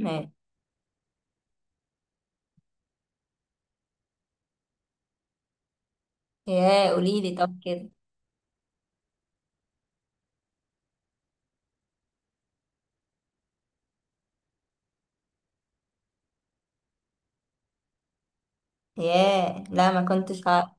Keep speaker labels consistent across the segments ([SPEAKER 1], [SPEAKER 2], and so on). [SPEAKER 1] ما- ياه، قولي لي طب كده. ياه، لا ما كنتش عارف.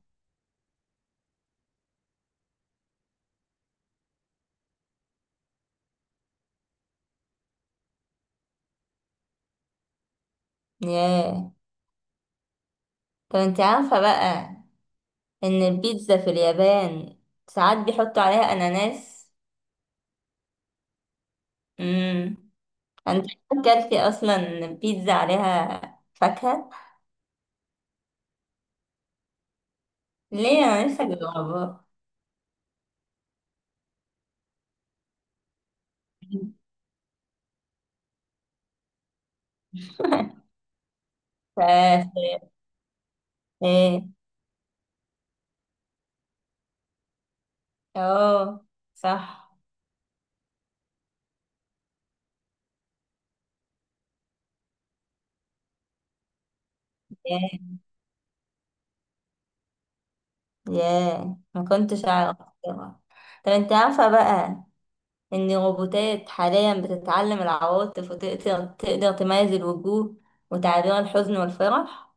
[SPEAKER 1] ياه طب انت عارفة بقى ان البيتزا في اليابان ساعات بيحطوا عليها اناناس؟ امم. انت اكلتي اصلا بيتزا عليها فاكهة؟ ليه، انا لسه جربها. ف ايه، اه صح. ياه. ياه ما كنتش اعرف. طبعا. طب انت عارفة بقى إن الروبوتات حاليا بتتعلم العواطف وتقدر تميز الوجوه وتعبير الحزن والفرح،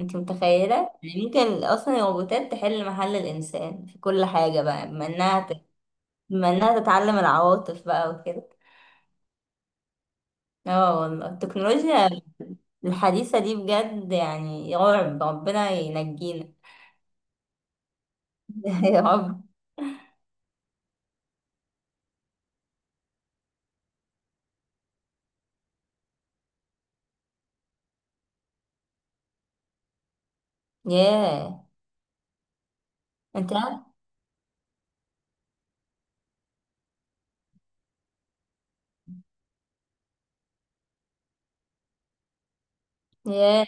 [SPEAKER 1] انت متخيلة؟ يعني ممكن أصلا الروبوتات تحل محل الإنسان في كل حاجة بقى بما بما إنها تتعلم العواطف بقى وكده. اه والله التكنولوجيا الحديثة دي بجد، يعني يا رب ربنا ينجينا. يا رب. ياه. انت عارف. ياه،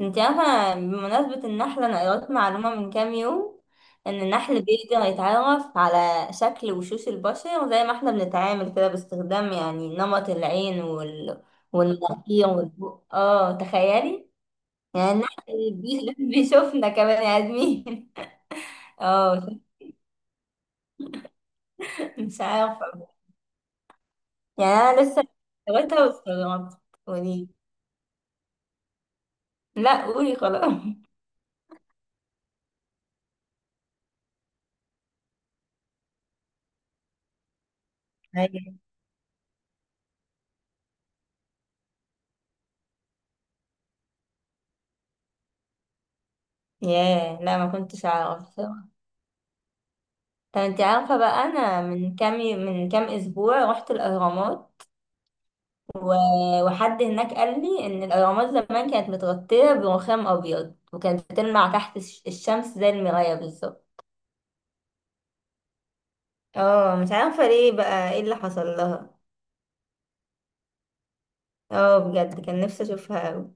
[SPEAKER 1] انت عارفة بمناسبة النحلة، انا قرأت معلومة من كام يوم؟ ان النحل بيقدر يتعرف على شكل وشوش البشر زي ما احنا بنتعامل كده، باستخدام يعني نمط العين وال... والمناخير والبق، اه تخيلي. يعني بيشوفنا كمان يا ادمين. اه، مش عارفة. يعني انا لسه قريتها واستغربت. قولي. لا قولي خلاص. أيوة. ياه، لا ما كنتش اعرف. طب انت عارفة بقى انا من كام اسبوع رحت الاهرامات؟ وحد هناك قال لي ان الاهرامات زمان كانت متغطية برخام ابيض، وكانت بتلمع تحت الشمس زي المراية بالظبط. اه مش عارفة ليه بقى، ايه اللي حصل لها. اه بجد، كان نفسي اشوفها اوي.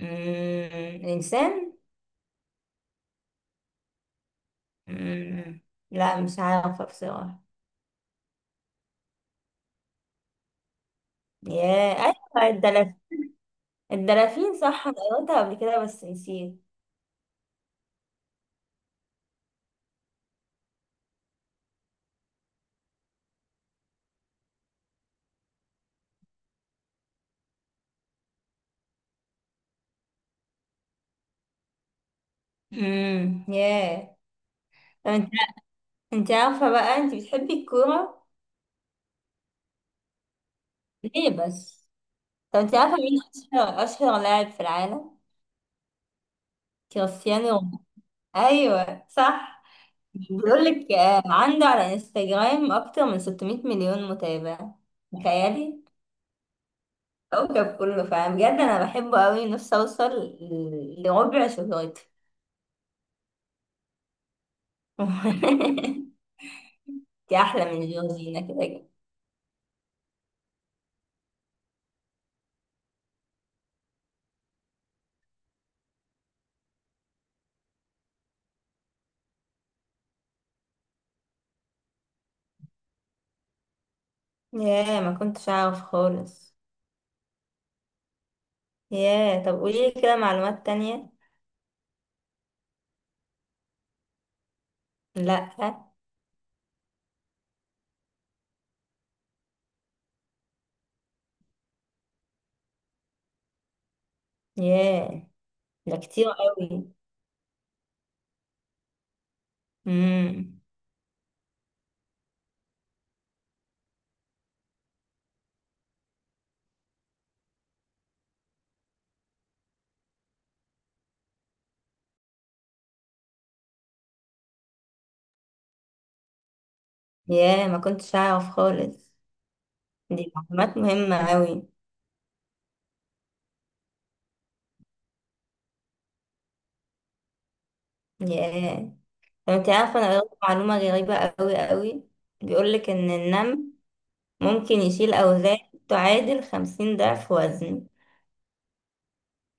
[SPEAKER 1] مم، انسان. مم، لا مش عارفة بصراحة. ياه ايوه الدلافين. الدلافين صح، انا قريتها قبل كده بس نسيت. امم. ياه. انت عارفة بقى انت بتحبي الكورة؟ ليه بس. طب انت عارفة مين اشهر لاعب في العالم؟ كريستيانو رونالدو. ايوه صح. بيقول لك آه، عنده على انستجرام اكتر من 600 مليون متابع، تخيلي. كوكب كله فعلا، بجد انا بحبه قوي، نفسي اوصل لربع شهرته. انت احلى من جورجينا كده كده. ياه ما كنتش اعرف خالص. ياه طب قولي لي كده معلومات تانية. لا. ياه. ده كتير قوي. امم. ياه ما كنتش اعرف خالص، دي معلومات مهمة اوي. ياه طب انت عارفة انا قريت معلومة غريبة اوي اوي؟ بيقولك ان النمل ممكن يشيل اوزان تعادل 50 ضعف وزنه.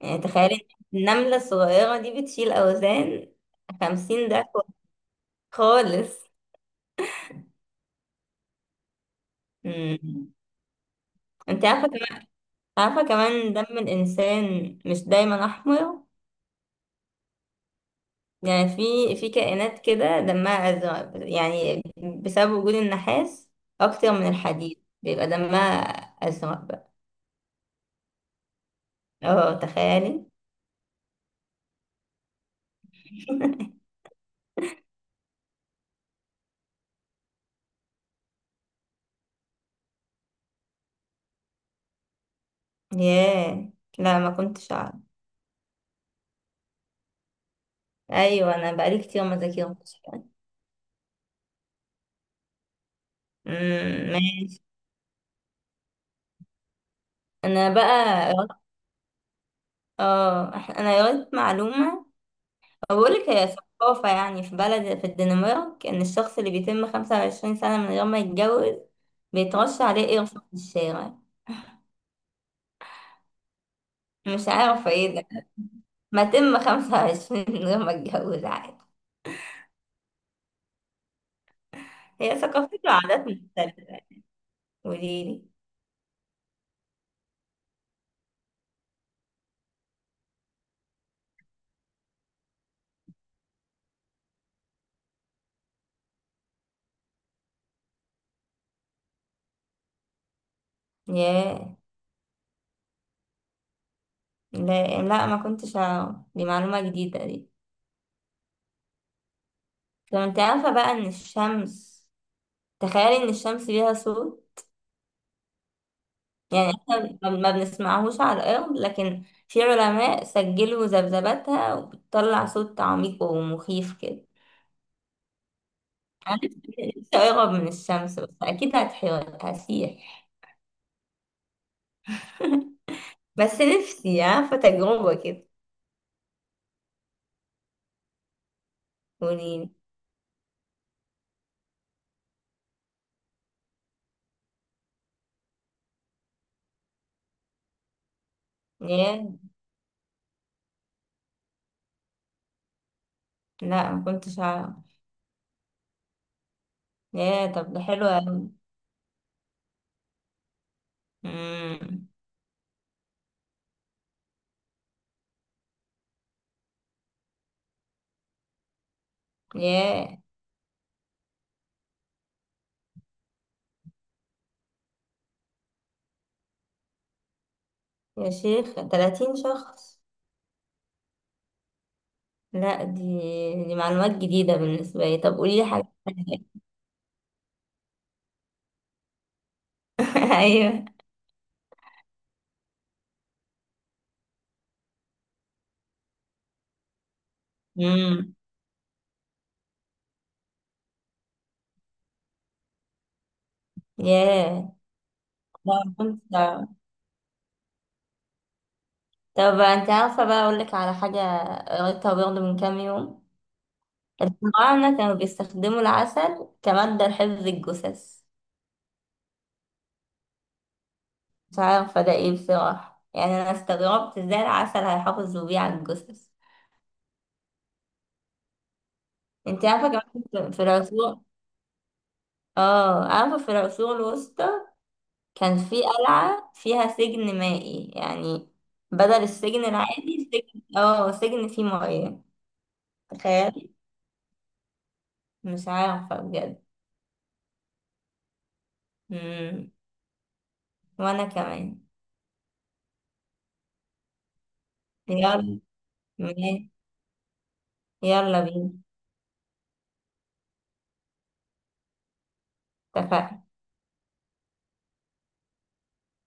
[SPEAKER 1] يعني تخيلي، إن النملة الصغيرة دي بتشيل اوزان 50 ضعف وزن خالص. امم. انت عارفة كمان، عارفة كمان دم الانسان مش دايما احمر؟ يعني في كائنات كده دمها أزرق، يعني بسبب وجود النحاس أكتر من الحديد بيبقى دمها أزرق بقى. اه تخيلي. ياه، لا ما كنتش أعرف. أيوة، أنا بقالي كتير ما ذاكرتش يعني. أمم، ماشي. أنا بقى اه أنا قريت معلومة، بقولك هي ثقافة يعني في بلد في الدنمارك، إن الشخص اللي بيتم 25 سنة من غير ما يتجوز بيترش عليه قرفة في الشارع. مش عارفة ايه ده. ما تم 25 من غير ما اتجوز عادي، هي ثقافات وعادات مختلفة. قوليلي. ياه. لا لا ما كنتش أعرف، دي معلومة جديدة دي. طب انت عارفة بقى ان الشمس، تخيلي ان الشمس ليها صوت؟ يعني احنا ما بنسمعهوش على الأرض، لكن في علماء سجلوا ذبذباتها وبتطلع صوت عميق ومخيف كده. أنا نفسي، نفسي أقرب من الشمس، بس أكيد هتحير، هسيح. بس نفسي عارفة تجربة كده. قوليلي. لا ما كنتش اعرف، يا طب ده حلو أوي. امم. يا يا شيخ، 30 شخص! لا دي معلومات جديدة بالنسبة لي، طب قولي لي حاجة تانية. ايوه. امم. يا. لا ما كنتش اعرف. طب انت عارفة بقى، اقول لك على حاجة قريتها برضه من كام يوم؟ الفراعنة كانوا بيستخدموا العسل كمادة لحفظ الجثث. مش عارفة ده ايه بصراحة، يعني انا استغربت ازاي العسل هيحافظوا بيه على الجثث. انت عارفة كمان، في العصور، اه عارفة في العصور الوسطى كان في قلعة فيها سجن مائي، يعني بدل السجن العادي سجن، اه سجن فيه مياه. تخيل. مش عارفة بجد. مم. وانا كمان. يلا ماشي. يلا بينا. اتفقنا.